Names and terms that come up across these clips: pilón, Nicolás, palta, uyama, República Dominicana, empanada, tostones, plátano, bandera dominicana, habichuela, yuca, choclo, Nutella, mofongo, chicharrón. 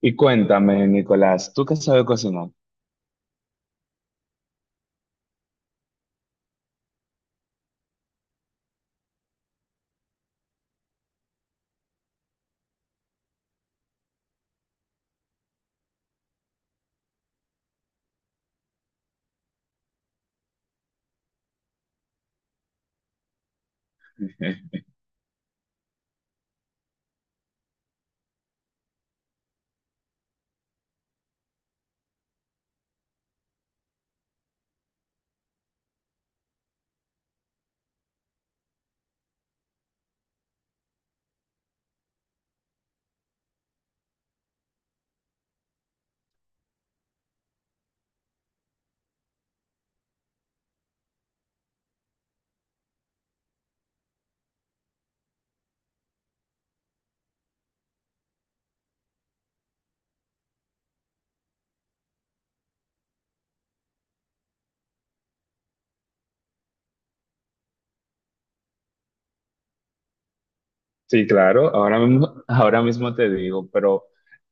Y cuéntame, Nicolás, ¿tú qué sabes cocinar? Sí, claro, ahora mismo te digo, pero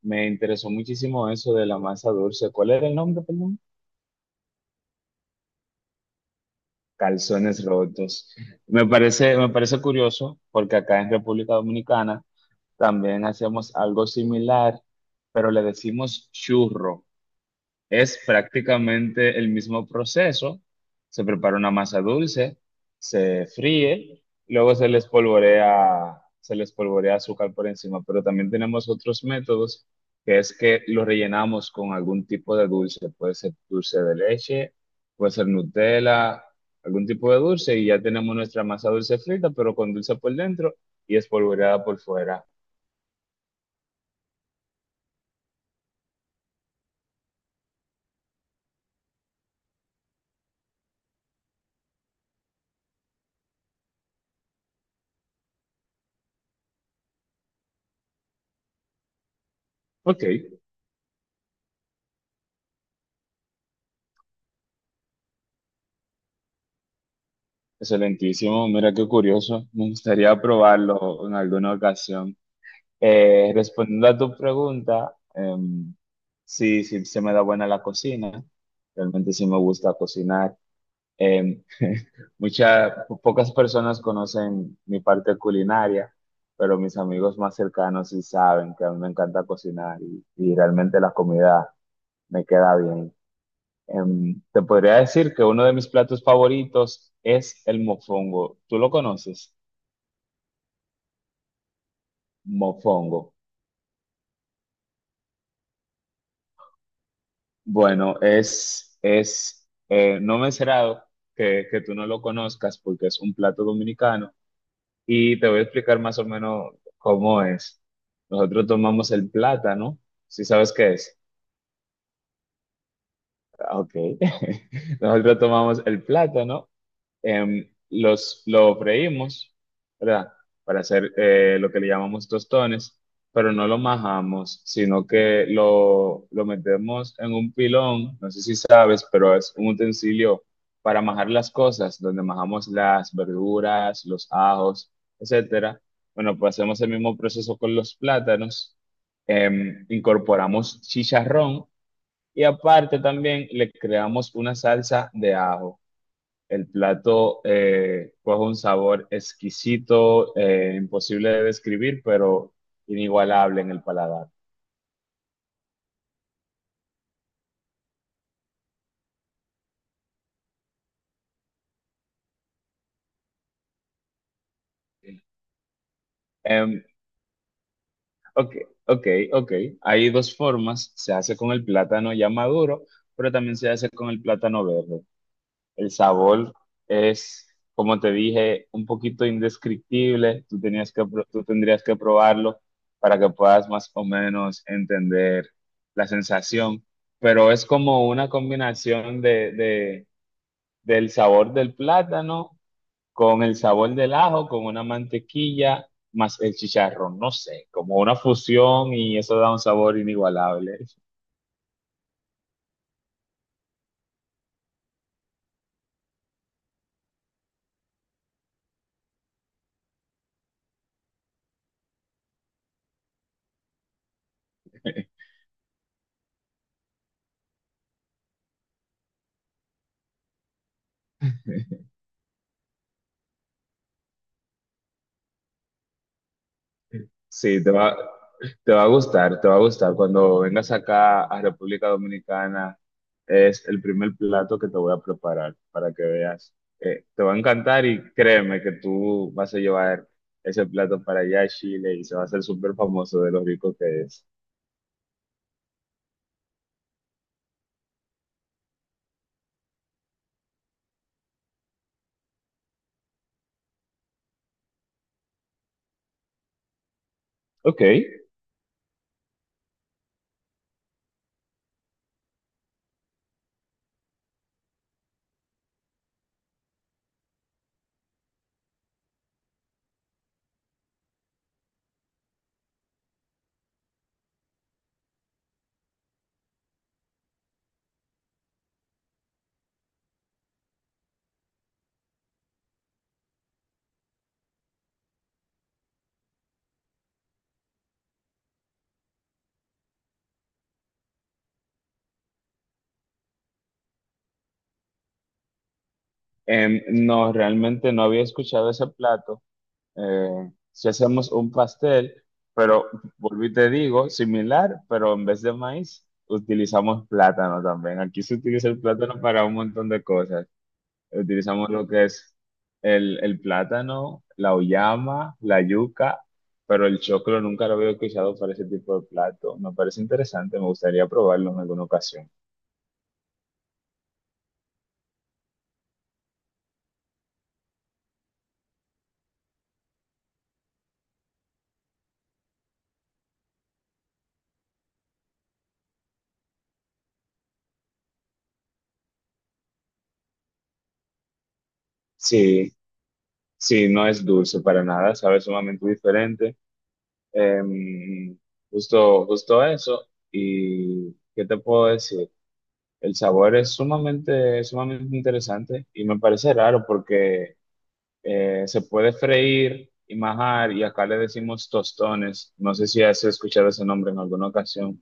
me interesó muchísimo eso de la masa dulce. ¿Cuál era el nombre, perdón? Calzones rotos. Me parece curioso porque acá en República Dominicana también hacemos algo similar, pero le decimos churro. Es prácticamente el mismo proceso. Se prepara una masa dulce, se fríe, luego se le espolvorea azúcar por encima, pero también tenemos otros métodos, que es que lo rellenamos con algún tipo de dulce. Puede ser dulce de leche, puede ser Nutella, algún tipo de dulce, y ya tenemos nuestra masa dulce frita, pero con dulce por dentro y espolvoreada por fuera. Ok. Excelentísimo, mira qué curioso. Me gustaría probarlo en alguna ocasión. Respondiendo a tu pregunta, sí, sí se me da buena la cocina. Realmente sí me gusta cocinar. Em, pocas personas conocen mi parte culinaria, pero mis amigos más cercanos sí saben que a mí me encanta cocinar y realmente la comida me queda bien. Te podría decir que uno de mis platos favoritos es el mofongo. ¿Tú lo conoces? Mofongo. Bueno, es, es no me será que tú no lo conozcas porque es un plato dominicano y te voy a explicar más o menos cómo es. Nosotros tomamos el plátano, ¿si sabes qué es? Ah, ok. Nosotros tomamos el plátano, los, lo freímos, ¿verdad? Para hacer lo que le llamamos tostones, pero no lo majamos, sino que lo metemos en un pilón, no sé si sabes, pero es un utensilio para majar las cosas, donde majamos las verduras, los ajos, etcétera. Bueno, pues hacemos el mismo proceso con los plátanos, incorporamos chicharrón y aparte también le creamos una salsa de ajo. El plato, coge un sabor exquisito, imposible de describir, pero inigualable en el paladar. Em, ok, ok, ok. Hay dos formas. Se hace con el plátano ya maduro, pero también se hace con el plátano verde. El sabor es, como te dije, un poquito indescriptible. Tú tenías tú tendrías que probarlo para que puedas más o menos entender la sensación. Pero es como una combinación de- del sabor del plátano con el sabor del ajo, con una mantequilla, más el chicharrón. No sé, como una fusión y eso da un sabor inigualable. Sí, te va a gustar, te va a gustar. Cuando vengas acá a República Dominicana, es el primer plato que te voy a preparar para que veas. Te va a encantar y créeme que tú vas a llevar ese plato para allá a Chile y se va a hacer súper famoso de lo rico que es. Ok. No, realmente no había escuchado ese plato. Si hacemos un pastel, pero volví y te digo, similar, pero en vez de maíz, utilizamos plátano también. Aquí se utiliza el plátano para un montón de cosas. Utilizamos lo que es el plátano, la uyama, la yuca, pero el choclo nunca lo había utilizado para ese tipo de plato. Me parece interesante, me gustaría probarlo en alguna ocasión. Sí, sí, no es dulce para nada, sabe sumamente diferente. Em, justo, justo eso. ¿Y qué te puedo decir? El sabor es sumamente, sumamente interesante y me parece raro porque se puede freír y majar y acá le decimos tostones. No sé si has escuchado ese nombre en alguna ocasión.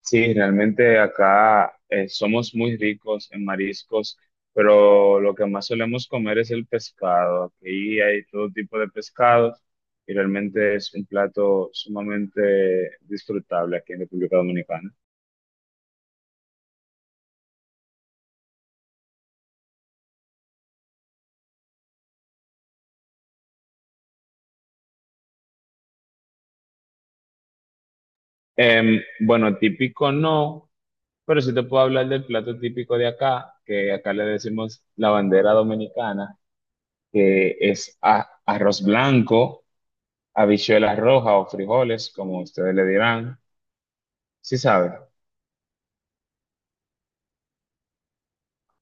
Sí, realmente acá, somos muy ricos en mariscos, pero lo que más solemos comer es el pescado. Aquí hay todo tipo de pescados y realmente es un plato sumamente disfrutable aquí en República Dominicana. Bueno, típico no, pero sí te puedo hablar del plato típico de acá, que acá le decimos la bandera dominicana, que es arroz blanco, habichuelas rojas o frijoles, como ustedes le dirán. Sí sabe.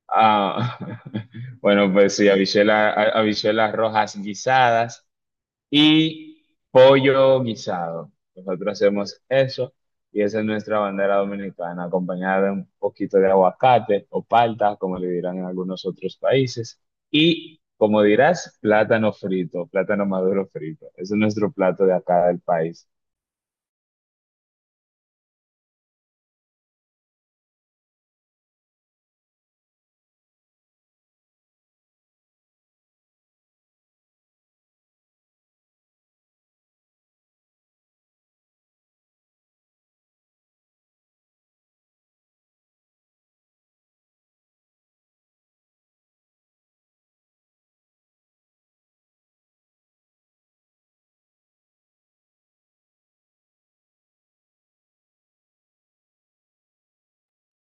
Ah, bueno, pues sí, habichuelas rojas guisadas y pollo guisado. Nosotros hacemos eso y esa es nuestra bandera dominicana, acompañada de un poquito de aguacate o palta, como le dirán en algunos otros países. Y, como dirás, plátano frito, plátano maduro frito. Ese es nuestro plato de acá del país.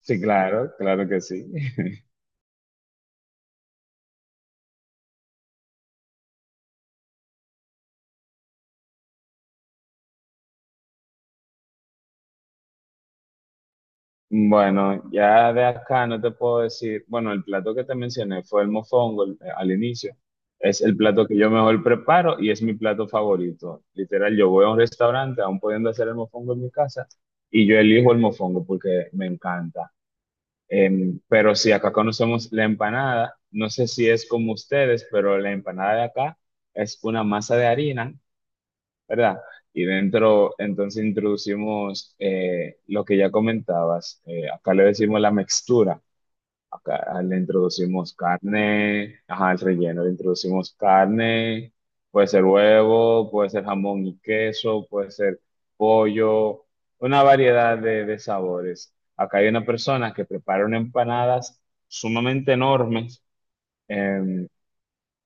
Sí, claro, claro que sí. Bueno, ya de acá no te puedo decir, bueno, el plato que te mencioné fue el mofongo al inicio. Es el plato que yo mejor preparo y es mi plato favorito. Literal, yo voy a un restaurante, aún pudiendo hacer el mofongo en mi casa, y yo elijo el mofongo porque me encanta. Pero si acá conocemos la empanada, no sé si es como ustedes, pero la empanada de acá es una masa de harina, ¿verdad? Y dentro, entonces introducimos lo que ya comentabas. Acá le decimos la mixtura. Acá le introducimos carne, ajá, el relleno, le introducimos carne, puede ser huevo, puede ser jamón y queso, puede ser pollo, una variedad de sabores. Acá hay una persona que prepara unas empanadas sumamente enormes, em,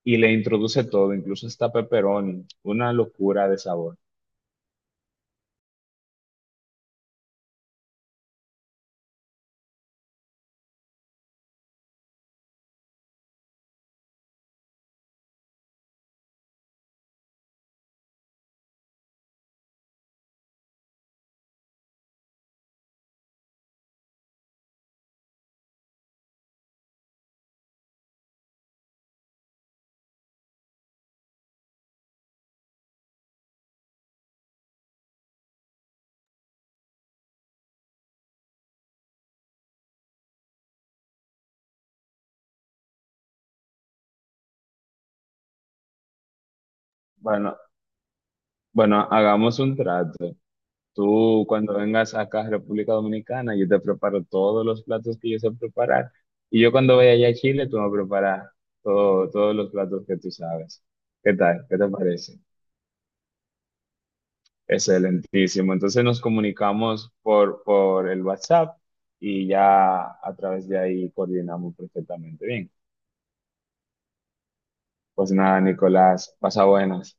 y le introduce todo, incluso hasta pepperoni, una locura de sabor. Bueno, bueno, hagamos un trato. Tú cuando vengas acá a República Dominicana, yo te preparo todos los platos que yo sé preparar. Y yo cuando vaya allá a Chile, tú me preparas todos los platos que tú sabes. ¿Qué tal? ¿Qué te parece? Excelentísimo. Entonces nos comunicamos por el WhatsApp y ya a través de ahí coordinamos perfectamente bien. Pues nada, Nicolás, pasa buenas.